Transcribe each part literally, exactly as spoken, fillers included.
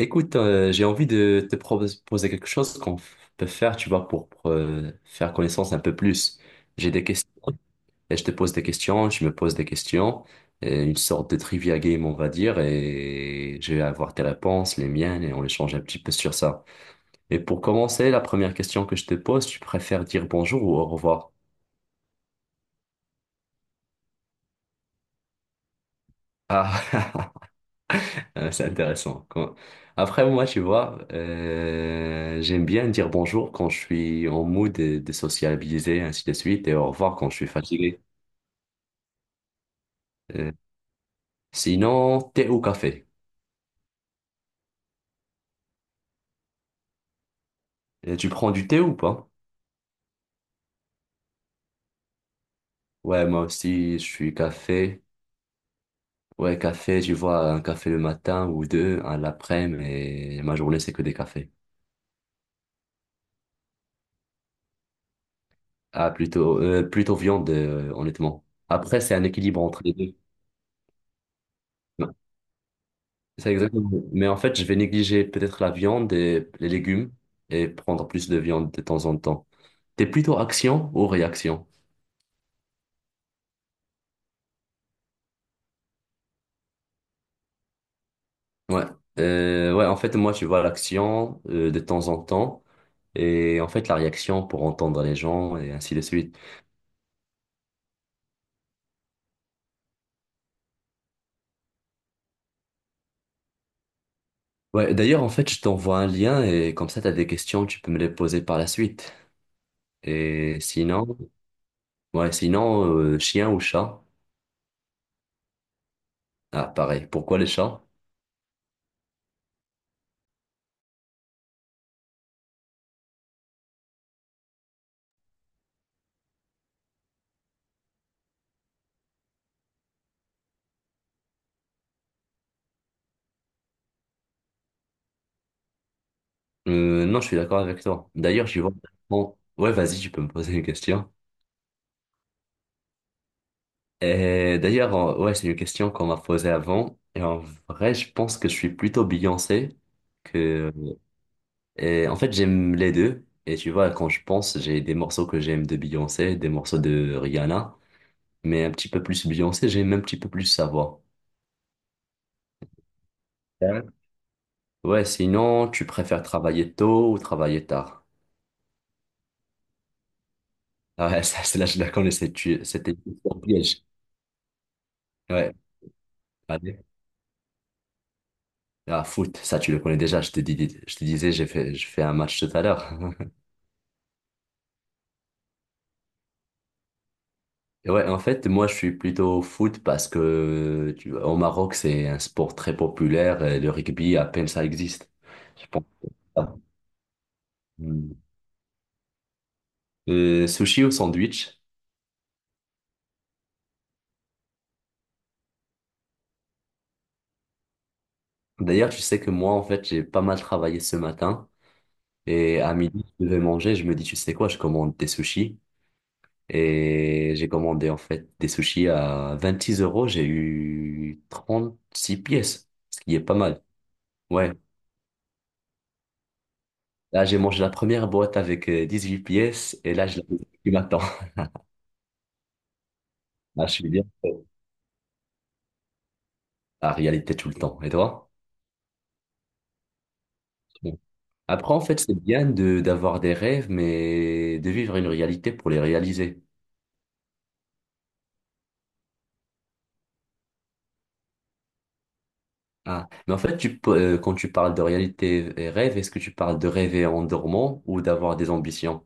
Écoute, euh, j'ai envie de te proposer quelque chose qu'on f- peut faire, tu vois, pour, pour, euh, faire connaissance un peu plus. J'ai des questions et je te pose des questions, je me pose des questions, et une sorte de trivia game, on va dire, et je vais avoir tes réponses, les miennes, et on échange un petit peu sur ça. Et pour commencer, la première question que je te pose, tu préfères dire bonjour ou au revoir? Ah, Euh, c'est intéressant. Quand- Après, moi, tu vois, euh, j'aime bien dire bonjour quand je suis en mood de, de sociabiliser, ainsi de suite, et au revoir quand je suis fatigué. Euh, sinon, thé ou café? Euh, tu prends du thé ou pas? Ouais, moi aussi, je suis café. Ouais, café, tu vois, un café le matin ou deux, un l'après-midi, et ma journée, c'est que des cafés. Ah, plutôt, euh, plutôt viande, euh, honnêtement. Après, c'est un équilibre entre les deux. C'est exactement. Mais en fait, je vais négliger peut-être la viande et les légumes et prendre plus de viande de temps en temps. T'es plutôt action ou réaction? Ouais. Euh, ouais, en fait, moi, tu vois l'action euh, de temps en temps et en fait, la réaction pour entendre les gens et ainsi de suite. Ouais, d'ailleurs, en fait, je t'envoie un lien et comme ça, t'as des questions, tu peux me les poser par la suite. Et sinon, ouais, sinon, euh, chien ou chat? Ah, pareil. Pourquoi les chats? Euh, non, je suis d'accord avec toi. D'ailleurs, j'y vois. Bon, ouais, vas-y, tu peux me poser une question. Et d'ailleurs, euh, ouais, c'est une question qu'on m'a posée avant. Et en vrai, je pense que je suis plutôt Beyoncé que. Et en fait, j'aime les deux. Et tu vois, quand je pense, j'ai des morceaux que j'aime de Beyoncé, des morceaux de Rihanna, mais un petit peu plus Beyoncé, j'aime un petit peu plus sa voix. Ouais, ouais, sinon, tu préfères travailler tôt ou travailler tard? Ah ouais, ça, c'est là, je la connais, c'est- tu- c'était un piège. Ouais. Ah, foot, ça tu le connais déjà, je te dis, je te disais, j'ai fait, je fais un match tout à l'heure. Et ouais, en fait, moi je suis plutôt foot parce que tu vois, au Maroc, c'est un sport très populaire et le rugby, à peine ça existe. Je pense pas. Hmm. Euh, sushi ou sandwich? D'ailleurs, tu sais que moi, en fait, j'ai pas mal travaillé ce matin et à midi, je devais manger. Je me dis, tu sais quoi, je commande des sushis et j'ai commandé en fait des sushis à vingt-six euros. J'ai eu trente-six pièces, ce qui est pas mal. Ouais. Là, j'ai mangé la première boîte avec euh, huit pièces et là, je la mange du matin. Là, je suis bien la réalité tout le temps. Et toi? Bon. Après, en fait, c'est bien de d'avoir des rêves, mais de vivre une réalité pour les réaliser. Ah. Mais en fait, tu, peux- euh, quand tu parles de réalité et rêve, est-ce que tu parles de rêver en dormant ou d'avoir des ambitions?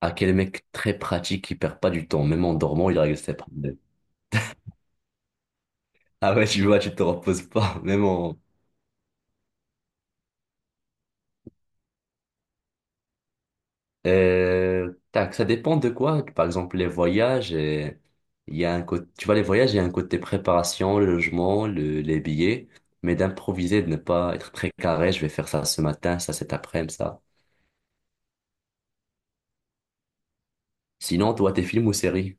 Ah, quel mec très pratique qui perd pas du temps. Même en dormant, il règle ses problèmes. Ah ouais, tu vois, tu te reposes pas. Même en... Euh, tac, ça dépend de quoi. Par exemple, les voyages, et il y a un côté, tu vois, les voyages, il y a un côté préparation, le logement, le- les billets, mais d'improviser, de ne pas être très carré, je vais faire ça ce matin, ça cet après-midi, ça. Sinon, toi, tes films ou séries?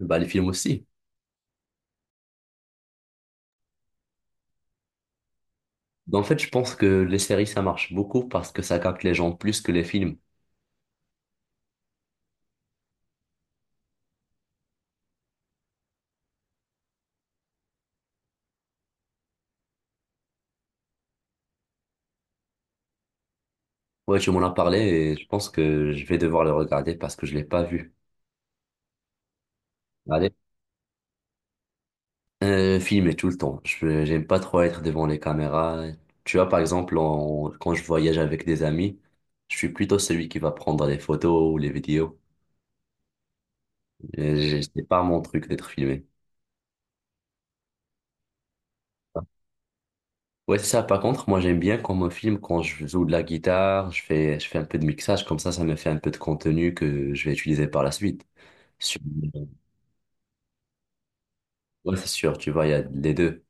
Bah, les films aussi. Bah, en fait, je pense que les séries, ça marche beaucoup parce que ça capte les gens plus que les films. Ouais, tu m'en as parlé et je pense que je vais devoir le regarder parce que je l'ai pas vu. Allez. Euh, filmer tout le temps. Je, j'aime pas trop être devant les caméras. Tu vois, par exemple, en- quand je voyage avec des amis, je suis plutôt celui qui va prendre les photos ou les vidéos. Euh, j'ai- C'est pas mon truc d'être filmé. Ouais, c'est ça. Par contre, moi, j'aime bien qu'on me filme quand je joue de la guitare, je fais, je fais un peu de mixage, comme ça, ça me fait un peu de contenu que je vais utiliser par la suite. Sur- Ouais, c'est sûr, tu vois, il y a les deux.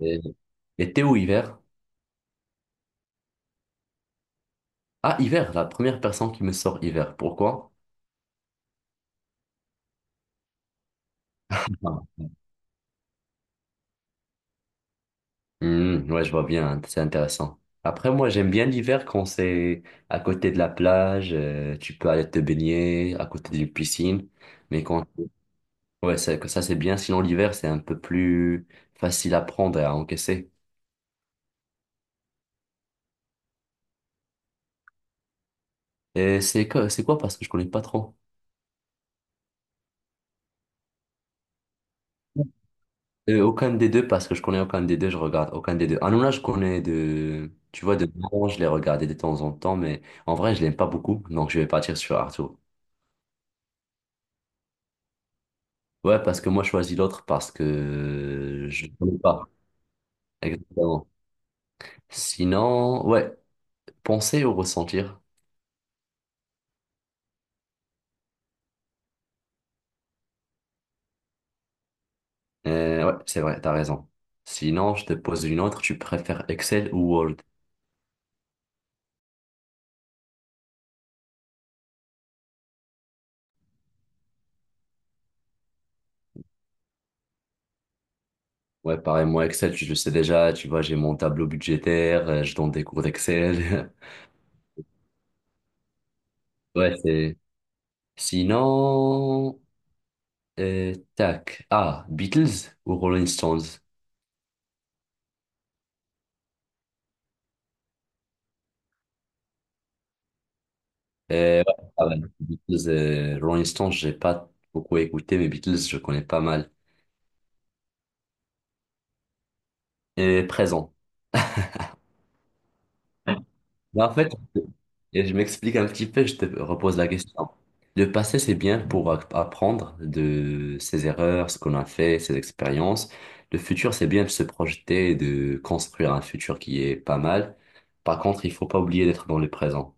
Et- été ou hiver? Ah, hiver, la première personne qui me sort hiver. Pourquoi? Hmm, ouais, je vois bien, hein, c'est intéressant. Après, moi, j'aime bien l'hiver quand c'est à côté de la plage, euh, tu peux aller te baigner à côté d'une piscine. Mais quand, ouais, ça, que ça c'est bien. Sinon, l'hiver, c'est un peu plus facile à prendre et à encaisser. Et c'est quoi, c'est quoi parce que je connais pas trop. Euh, aucun des deux, parce que je connais aucun des deux, je regarde aucun des deux. Hanouna, je connais de, tu vois, de nom, je l'ai regardé de temps en temps, mais en vrai, je l'aime pas beaucoup, donc je vais partir sur Arthur. Ouais, parce que moi, je choisis l'autre parce que je ne connais pas. Exactement. Sinon, ouais, penser ou ressentir. Euh, ouais, c'est vrai, t'as raison. Sinon, je te pose une autre. Tu préfères Excel ou Word? Ouais, pareil, moi, Excel, je le sais déjà. Tu vois, j'ai mon tableau budgétaire, euh, je donne des cours d'Excel. Ouais, c'est. Sinon, euh, tac. Ah, Beatles ou Rolling Stones? Euh, ouais, pareil, Beatles, euh, Rolling Stones, j'ai pas beaucoup écouté, mais Beatles, je connais pas mal. Et présent. Mais en fait, et je m'explique un petit peu, je te repose la question. Le passé, c'est bien pour a- apprendre de ses erreurs, ce qu'on a fait, ses expériences. Le futur, c'est bien de se projeter, de construire un futur qui est pas mal. Par contre, il faut pas oublier d'être dans le présent.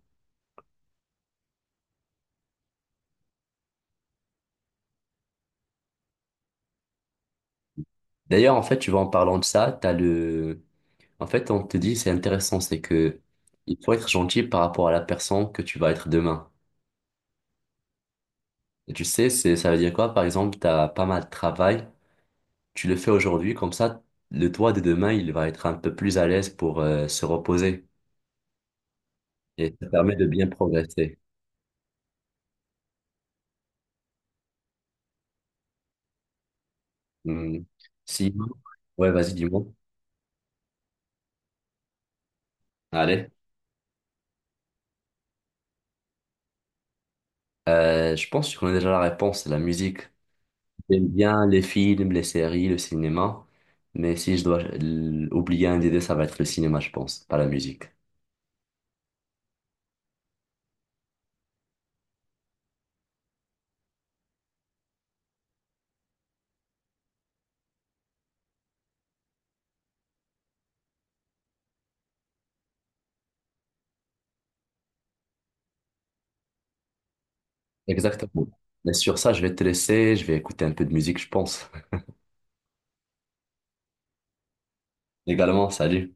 D'ailleurs, en fait, tu vois, en parlant de ça, t'as le... En fait, on te dit, c'est intéressant, c'est que il faut être gentil par rapport à la personne que tu vas être demain. Et tu sais, c'est, ça veut dire quoi? Par exemple, t'as pas mal de travail. Tu le fais aujourd'hui, comme ça, le toi de demain, il va être un peu plus à l'aise pour euh, se reposer et ça permet de bien progresser. Hmm. Si, ouais, vas-y, dis-moi. Allez. Euh, je pense qu'on a déjà la réponse, c'est la musique. J'aime bien les films, les séries, le cinéma, mais si je dois euh, oublier un des deux, ça va être le cinéma, je pense, pas la musique. Exactement. Mais sur ça, je vais te laisser, je vais écouter un peu de musique, je pense. Également, salut.